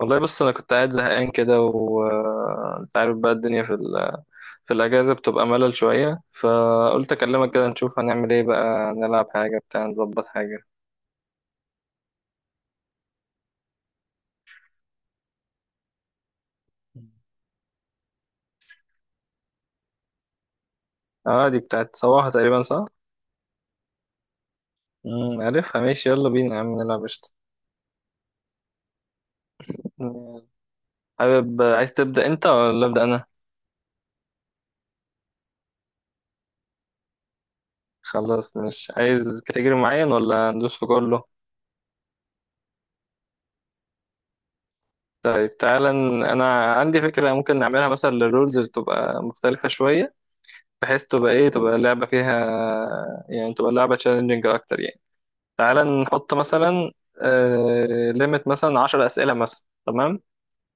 والله، بص انا كنت قاعد زهقان كده، وانت عارف بقى الدنيا في في الاجازه بتبقى ملل شويه، فقلت اكلمك كده نشوف هنعمل ايه بقى، نلعب حاجه بتاع، نظبط حاجه. اه دي بتاعت صباحه تقريبا، صح. امم، عارفها، ماشي يلا بينا يا عم نلعب قشطه. مم. حابب، عايز تبدا انت ولا ابدا انا؟ خلاص، مش عايز كاتيجوري معين ولا ندوس في كله؟ طيب تعالى انا عندي فكره ممكن نعملها مثلا للرولز، اللي تبقى مختلفه شويه، بحيث تبقى ايه، تبقى اللعبة فيها، يعني تبقى اللعبة تشالنجينج اكتر يعني. تعال نحط مثلا ليميت مثلا 10 اسئلة مثلا، تمام؟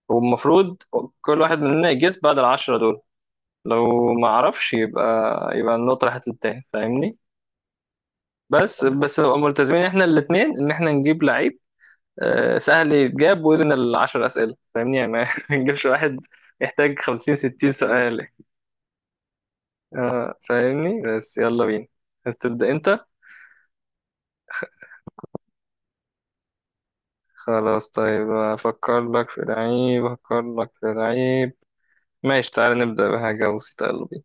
والمفروض كل واحد مننا يجس بعد العشرة دول، لو ما عرفش يبقى، يبقى النقطة راحت للتاني، فاهمني؟ بس بس نبقى ملتزمين احنا الاتنين ان احنا نجيب لعيب سهل يتجاب وذن العشر اسئلة، فاهمني؟ يعني ما نجيبش واحد يحتاج 50 60 سؤال. فاهمني؟ بس يلا بينا، عايز تبدأ انت؟ خلاص طيب، أفكر لك في لعيب، أفكر لك في لعيب. ماشي تعالى نبدأ بحاجة بسيطة، يلا بينا.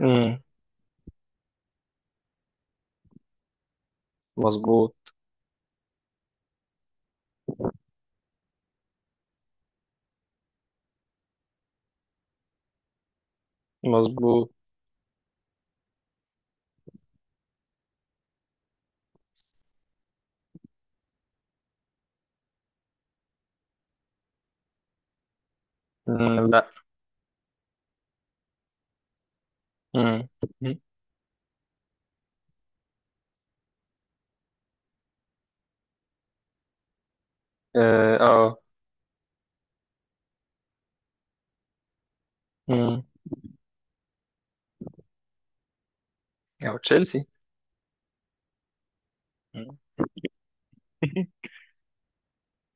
أمم، مظبوط. مظبوط. أمم، لا. أمم، اه آه. أمم، أو تشيلسي. أمم،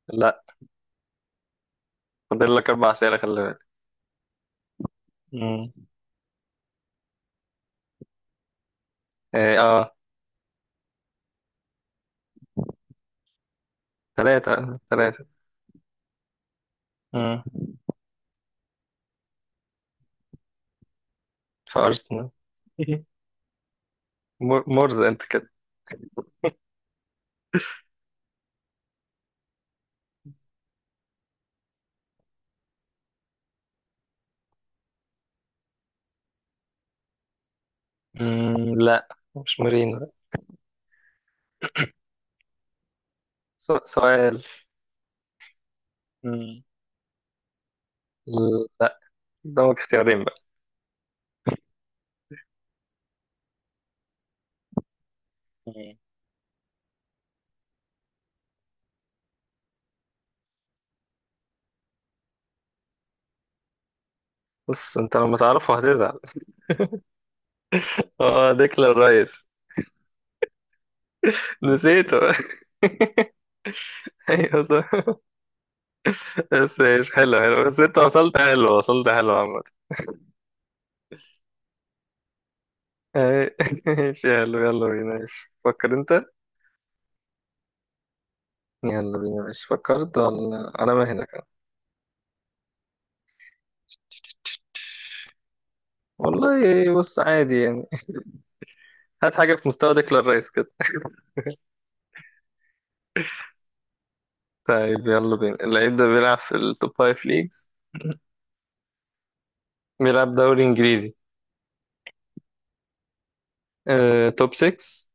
لا. فاضل لك أربع أسئلة، خلي بالك. أمم، اه آه. تلاتة تلاتة. أمم، في أرسنال. مرز أنت كده. أمم، لا، مش مورينو. سؤال. أمم، لا، قدامك اختيارين. بقى بص انت لما تعرفه هتزعل. اه ديكلان رايس. نسيته. ايوه صح. بس ايش، حلو حلو، بس انت وصلت حلو، وصلت حلو عامة. اي- ايش حلو، يلا بينا، ايش فكر انت. يلا بينا ايش فكرت ولا انا ما هنا كان. والله بص عادي يعني، هات حاجة في مستوى ديكلان رايس كده. طيب يلا بينا، اللعيب ده بيلعب في التوب فايف ليجز. بيلعب دوري انجليزي. آه، توب 6.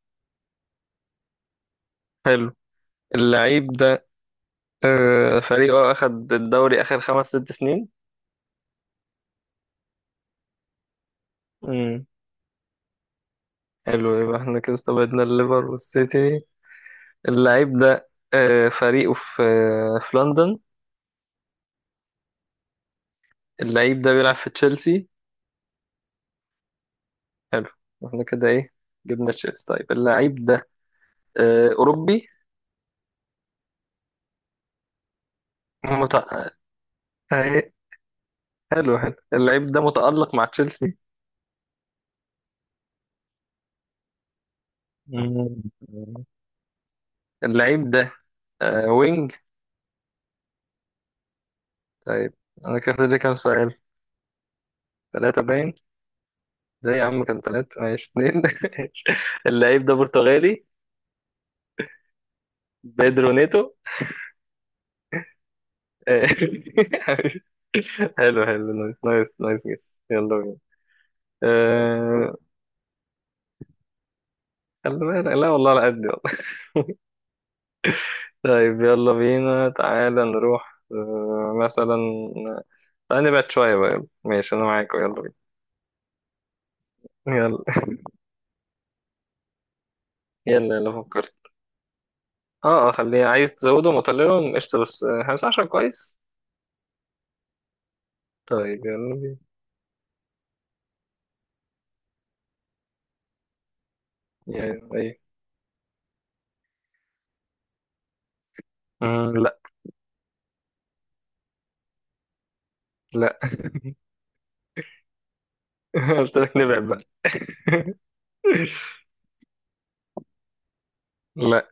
حلو. اللعيب ده آه، فريقه أخد الدوري آخر خمس ست سنين. امم. حلو، يبقى احنا كده استبعدنا الليفر والسيتي. اللعيب ده آه، فريقه في آه، في لندن. اللعيب ده بيلعب في تشيلسي. حلو. احنا كده ايه، جبنا تشيلسي. طيب اللعيب ده آه، أوروبي. مت... آه، إيه، حلو حلو، اللعيب ده متألق مع تشيلسي؟ مم. اللعيب ده آه، وينج. طيب، أنا كده فاضل لي كام سؤال، ثلاثة باين. ده يا عم كان ثلاثة، ماشي اتنين. اللعيب ده برتغالي، بيدرو نيتو. آه. حلو حلو، نايس نايس نايس، جس يلا بينا. آه، خلي بالك، لا والله على قد، والله. طيب يلا بينا، تعالى نروح آه، مثلا، تعالى نبعد شوية بقى، يلا ماشي أنا معاك يلا بينا. يلا. يلا، يلا فكرت. اه اه، خليه، عايز تزوده مطلله قشطة، بس آه، 15 كويس. طيب يلا بينا. يعني ايه؟ مم، لا. لا. قلت لك نبعد بقى. لا.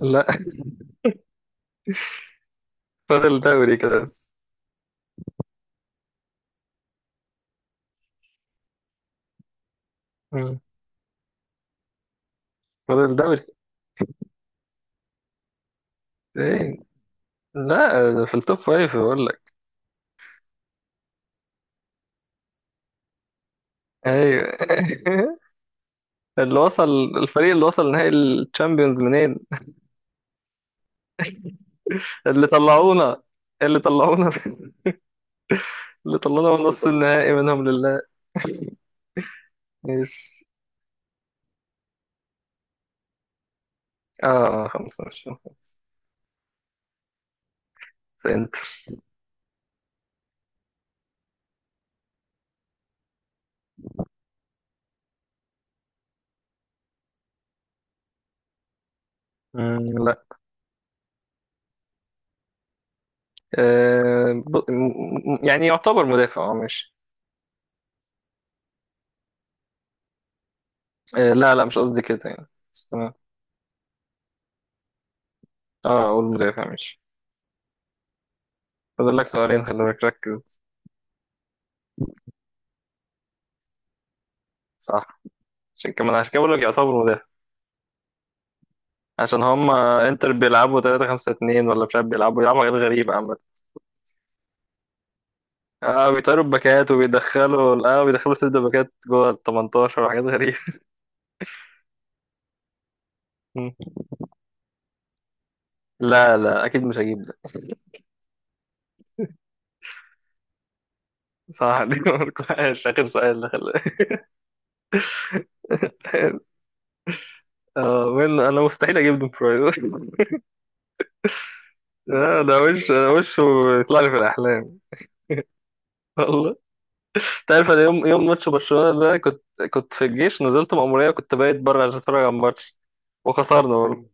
لا. فاضل دوري كده بس. مم. فاضل دوري. ايه، لا ده في التوب فايف بقول لك. ايوه. اللي وصل، الفريق اللي وصل نهائي الشامبيونز منين؟ اللي طلعونا، اللي طلعونا، اللي طلعونا من نص النهائي، منهم لله. ماشي. اه آه، خمسة، مش خمسة. انت. مم، لا. آه يعني يعتبر مدافع، اه ماشي. آه لا لا، مش قصدي كده يعني، بس تمام. اه، اقول مدافع ماشي. فاضل لك سؤالين، خلي بالك ركز. صح، عشان كمان، عشان كده بقول لك يعتبروا مدافع. عشان هم انتر بيلعبوا 3 5 2 ولا مش عارف، بيلعبوا حاجات غريبة عامة. اه بيطيروا الباكات، وبيدخلوا اه بيدخلوا سيرة الباكات جوه ال 18 وحاجات غريبة. لا لا، اكيد مش هجيب ده. صح عليك. مش اخر سؤال ده اه وين انا مستحيل اجيب دون فراي. لا ده وش، ده وشه يطلع لي في الاحلام. والله، تعرف انا يوم يوم ماتش برشلونة ده كنت، كنت في الجيش، نزلت مأمورية وكنت بايت بره عشان اتفرج على الماتش، وخسرنا برضه.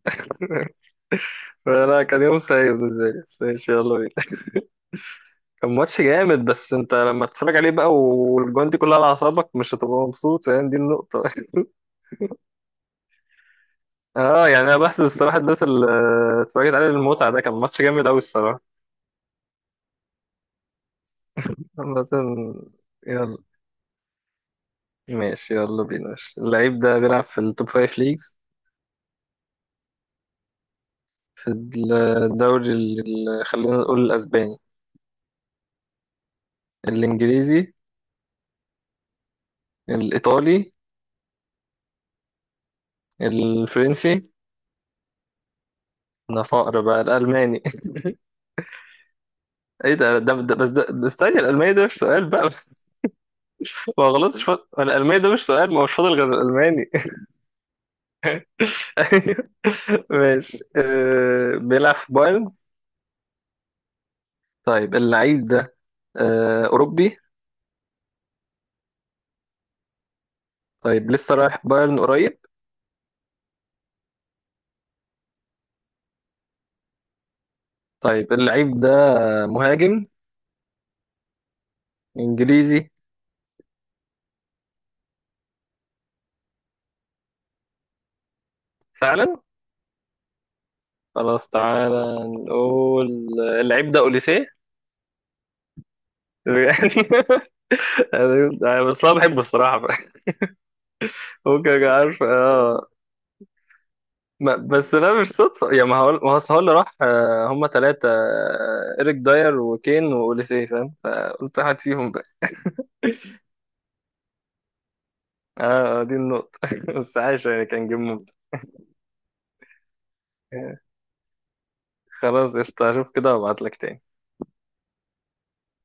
فلا كان يوم سعيد بالنسبة لي، بس ماشي يلا بينا. كان ماتش جامد، بس انت لما تتفرج عليه بقى والجوان دي كلها على اعصابك، مش هتبقى مبسوط، فاهم دي النقطة. اه يعني انا بحسب الصراحة الناس اللي اتفرجت عليه المتعة، ده كان ماتش جامد قوي الصراحة. عامة. يلا ماشي يلا بينا، ماشي اللعيب ده بيلعب في التوب فايف ليجز. في الدوري خلينا نقول الاسباني. الانجليزي. الايطالي. الفرنسي. انا فقر بقى، الالماني. ايه ده ده استني، الالماني ده مش سؤال بقى، بس ما خلصش. فاضل الالماني، ده مش سؤال، ما هو مش فاضل غير الالماني. ماشي. آه بيلعب في بايرن. طيب اللعيب ده آه اوروبي. طيب لسه رايح بايرن قريب. طيب اللعيب ده مهاجم. انجليزي. فعلا، خلاص تعالى نقول، اللعيب ده اوليسيه. يعني بس انا بحبه الصراحه. ممكن أبقى عارف، اه. ما بس لا، مش صدفة يا ما هقول، ما هو أصل هو اللي راح آه، هما تلاتة، آه، إيريك داير وكين وأوليسيه، فاهم؟ فقلت واحد فيهم بقى. اه آه، دي النقطة. بس عايش يعني، كان جيم ممتع. آه، خلاص قشطة، أشوف كده وأبعتلك تاني.